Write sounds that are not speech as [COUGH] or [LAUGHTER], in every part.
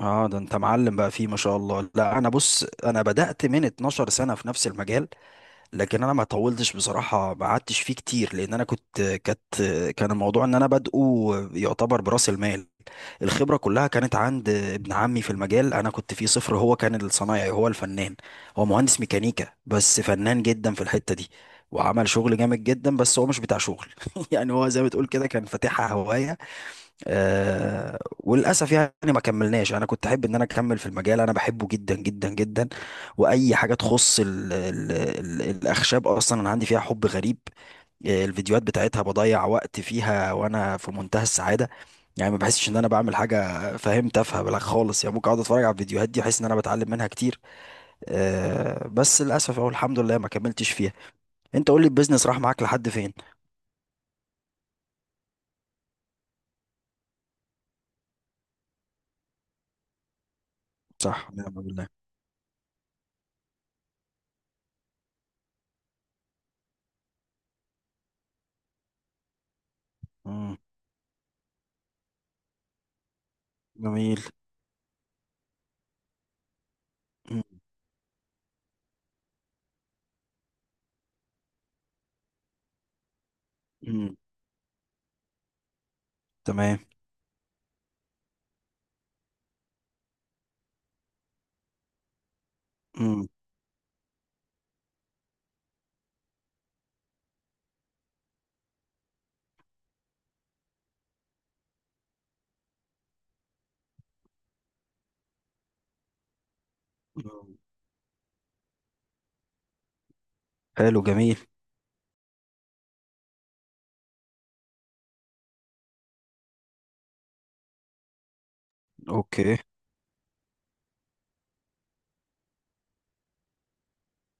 اه، ده انت معلم بقى، فيه ما شاء الله. لا انا بص، انا بدأت من 12 سنة في نفس المجال. لكن انا ما طولتش بصراحة، ما قعدتش فيه كتير، لان انا كنت كانت كان الموضوع ان انا بادئه يعتبر برأس المال. الخبرة كلها كانت عند ابن عمي في المجال، انا كنت فيه صفر. هو كان الصنايعي، هو الفنان. هو مهندس ميكانيكا بس فنان جدا في الحتة دي، وعمل شغل جامد جدا، بس هو مش بتاع شغل. [LAUGHS] يعني هو زي ما تقول كده، كان فاتحها هواية. وللاسف يعني ما كملناش. انا كنت احب ان انا اكمل في المجال، انا بحبه جدا جدا جدا. واي حاجه تخص ال ال ال الاخشاب اصلا، انا عندي فيها حب غريب. الفيديوهات بتاعتها بضيع وقت فيها وانا في منتهى السعاده. يعني ما بحسش ان انا بعمل حاجه فاهم، تافهه بلا خالص. يعني ممكن اقعد اتفرج على الفيديوهات دي، احس ان انا بتعلم منها كتير. بس للاسف او الحمد لله ما كملتش فيها. انت قول لي، البيزنس راح معاك لحد فين؟ صح، نعم بالله. مم. جميل. مم. مم. تمام. مم. حلو، جميل. اوكي.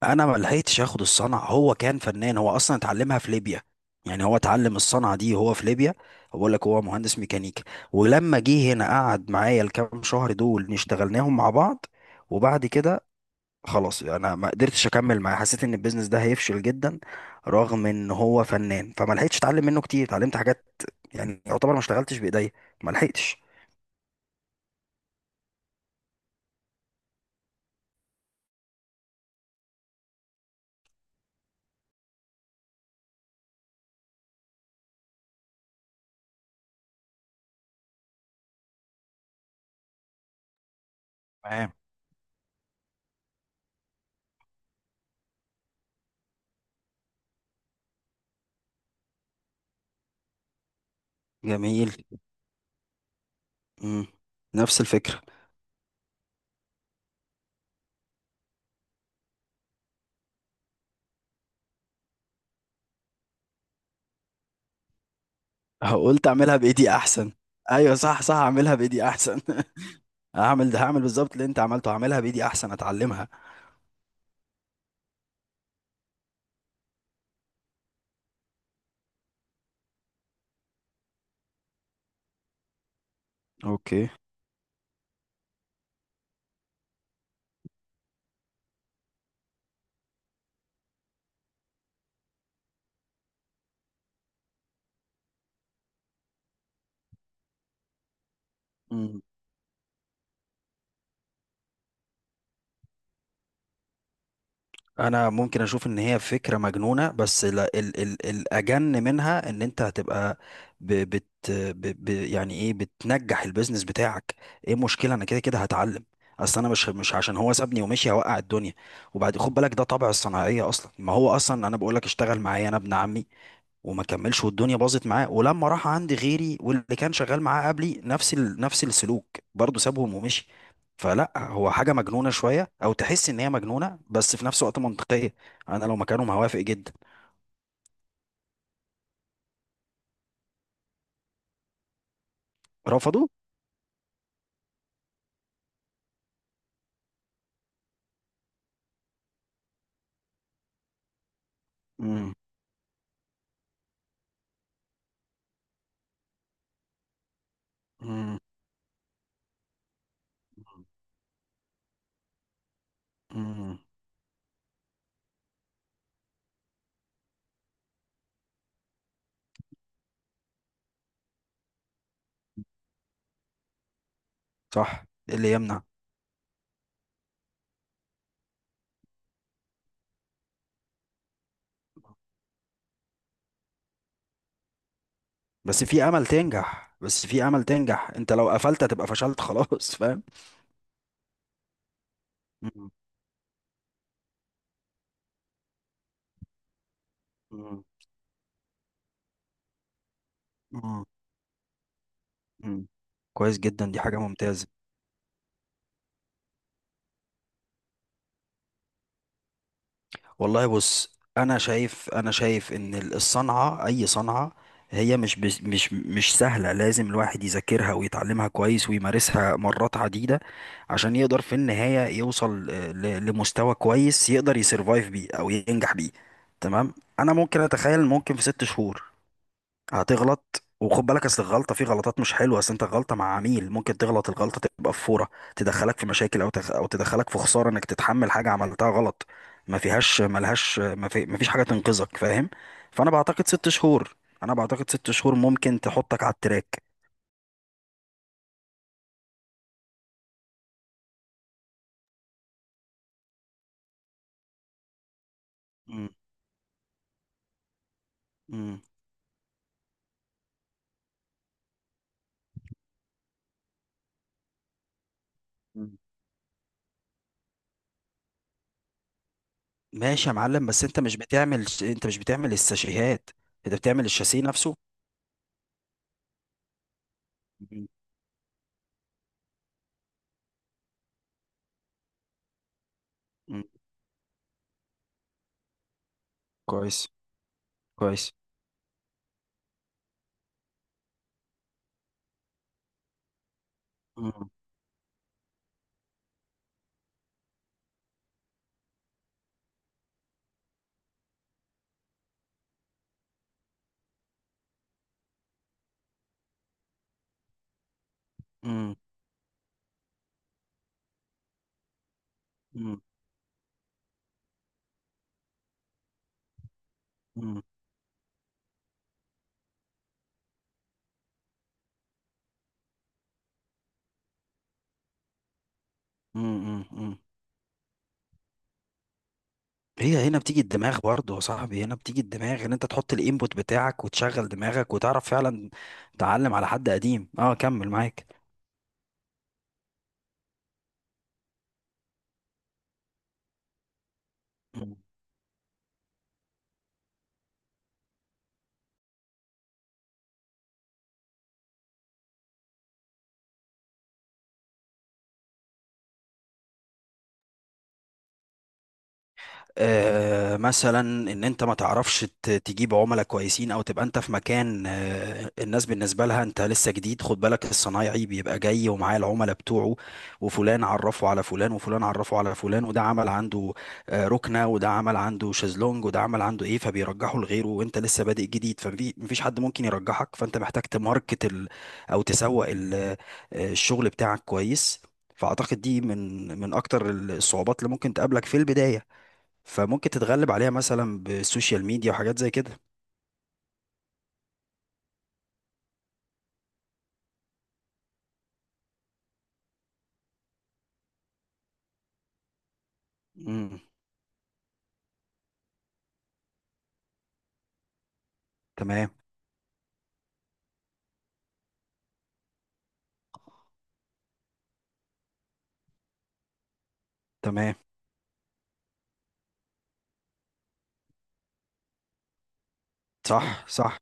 انا ما لحقتش اخد الصنعه، هو كان فنان. هو اصلا اتعلمها في ليبيا، يعني هو اتعلم الصنعه دي هو في ليبيا. بقول لك هو مهندس ميكانيكا. ولما جه هنا قعد معايا الكام شهر دول، اشتغلناهم مع بعض. وبعد كده خلاص، انا ما قدرتش اكمل معاه، حسيت ان البيزنس ده هيفشل جدا. رغم ان هو فنان، فما لحقتش اتعلم منه كتير، اتعلمت حاجات. يعني يعتبر ما اشتغلتش بايديا، ما لحقتش. تمام. جميل. مم. نفس الفكره. قلت اعملها بايدي احسن. ايوه، صح صح، اعملها بايدي احسن. [LAUGHS] هعمل ده، هعمل بالظبط اللي انت عملته، هعملها بايدي احسن اتعلمها. اوكي. مم. انا ممكن اشوف ان هي فكره مجنونه، بس لا، ال ال الاجن منها ان انت هتبقى، ب بت ب ب يعني ايه، بتنجح البيزنس بتاعك. ايه المشكله؟ انا كده كده هتعلم. اصل انا مش عشان هو سابني ومشي هوقع الدنيا. وبعد خد بالك، ده طبع الصناعيه اصلا. ما هو اصلا انا بقول لك، اشتغل معايا انا ابن عمي وما كملش والدنيا باظت معاه، ولما راح عند غيري واللي كان شغال معاه قبلي، نفس السلوك، برضه سابهم ومشي. فلا، هو حاجة مجنونة شوية او تحس ان هي مجنونة، بس في نفس الوقت منطقية. انا لو مكانهم هوافق جدا. رفضوا. مم. مم. مم. صح، إيه اللي يمنع؟ بس في امل تنجح، بس في امل تنجح. انت لو قفلت هتبقى فشلت خلاص. [LAUGHS] فاهم. مم. مم. مم. مم. كويس جدا، دي حاجة ممتازة. والله بص، انا شايف ان الصنعه، اي صنعه، هي مش بس مش سهله. لازم الواحد يذاكرها ويتعلمها كويس ويمارسها مرات عديده، عشان يقدر في النهايه يوصل لمستوى كويس، يقدر يسرفايف بيه او ينجح بيه. تمام. انا ممكن اتخيل ممكن في 6 شهور هتغلط، وخد بالك اصل الغلطه في غلطات مش حلوه. اصل انت، غلطه مع عميل ممكن تغلط، الغلطه تبقى في فوره تدخلك في مشاكل، او تدخلك في خساره انك تتحمل حاجه عملتها غلط. ما فيهاش ملهاش ما, في... ما فيش حاجه تنقذك، فاهم. فانا بعتقد ست شهور ممكن تحطك على التراك. مم. مم. مم. ماشي يا معلم، بس انت مش بتعمل الساشيهات، انت بتعمل الشاسيه نفسه. مم. مم. كويس كويس. مم. مم. مم. مم. مم. مم. هي هنا بتيجي الدماغ برضه يا صاحبي، هنا بتيجي الدماغ ان انت تحط الانبوت بتاعك وتشغل دماغك وتعرف فعلا. تعلم على حد قديم، اه، كمل معاك. مثلا ان انت ما تعرفش تجيب عملاء كويسين، او تبقى انت في مكان الناس بالنسبه لها انت لسه جديد. خد بالك، الصنايعي بيبقى جاي ومعاه العملاء بتوعه، وفلان عرفه على فلان وفلان عرفه على فلان، وده عمل عنده ركنه، وده عمل عنده شازلونج، وده عمل عنده ايه، فبيرجحه لغيره. وانت لسه بادئ جديد، فمفيش حد ممكن يرجحك. فانت محتاج تماركت ال او تسوق الشغل بتاعك كويس. فاعتقد دي من اكتر الصعوبات اللي ممكن تقابلك في البدايه، فممكن تتغلب عليها مثلا بالسوشيال ميديا وحاجات زي كده. امم. تمام، تمام. صح صح.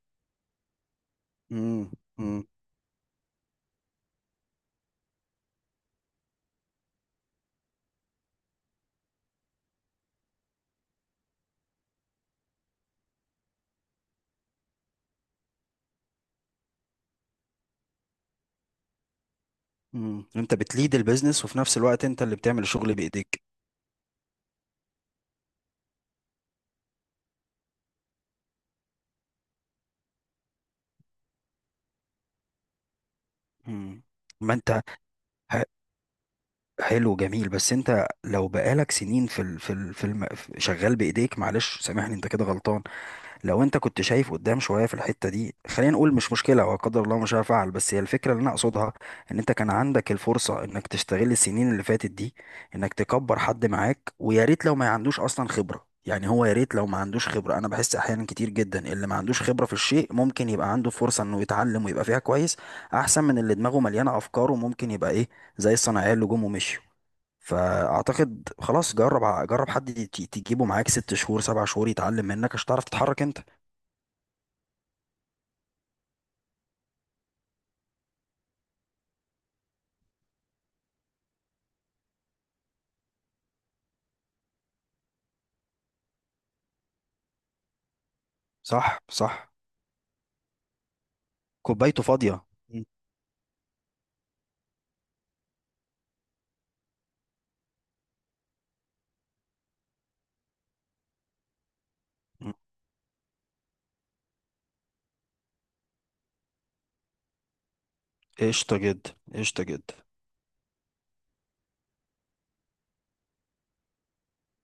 امم. امم. انت بتليد البيزنس وفي نفس الوقت انت اللي بتعمل الشغل بايديك. امم ما انت ح- حلو، جميل. بس انت لو بقالك سنين في ال في ال في الم... في- شغال بايديك، معلش سامحني، انت كده غلطان. لو انت كنت شايف قدام شويه في الحته دي، خلينا نقول مش مشكله، هو قدر الله مش هفعل، بس هي الفكره اللي انا اقصدها. ان انت كان عندك الفرصه انك تستغل السنين اللي فاتت دي، انك تكبر حد معاك، ويا ريت لو ما عندوش اصلا خبره، يعني هو يا ريت لو ما عندوش خبره. انا بحس احيانا كتير جدا اللي ما عندوش خبره في الشيء ممكن يبقى عنده فرصه انه يتعلم ويبقى فيها كويس، احسن من اللي دماغه مليانه افكار وممكن يبقى ايه، زي الصناعيه اللي جم ومشوا. فاعتقد خلاص، جرب، جرب حد تجيبه معاك 6 شهور 7 شهور يتعلم منك عشان تعرف تتحرك انت. صح صح. كوبايته فاضية. مم. مم. قشطة جدا، قشطة جدا.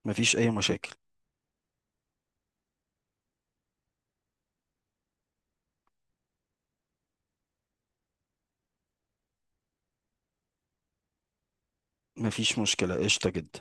مفيش أي مشاكل. مفيش مشكلة، قشطة جدا.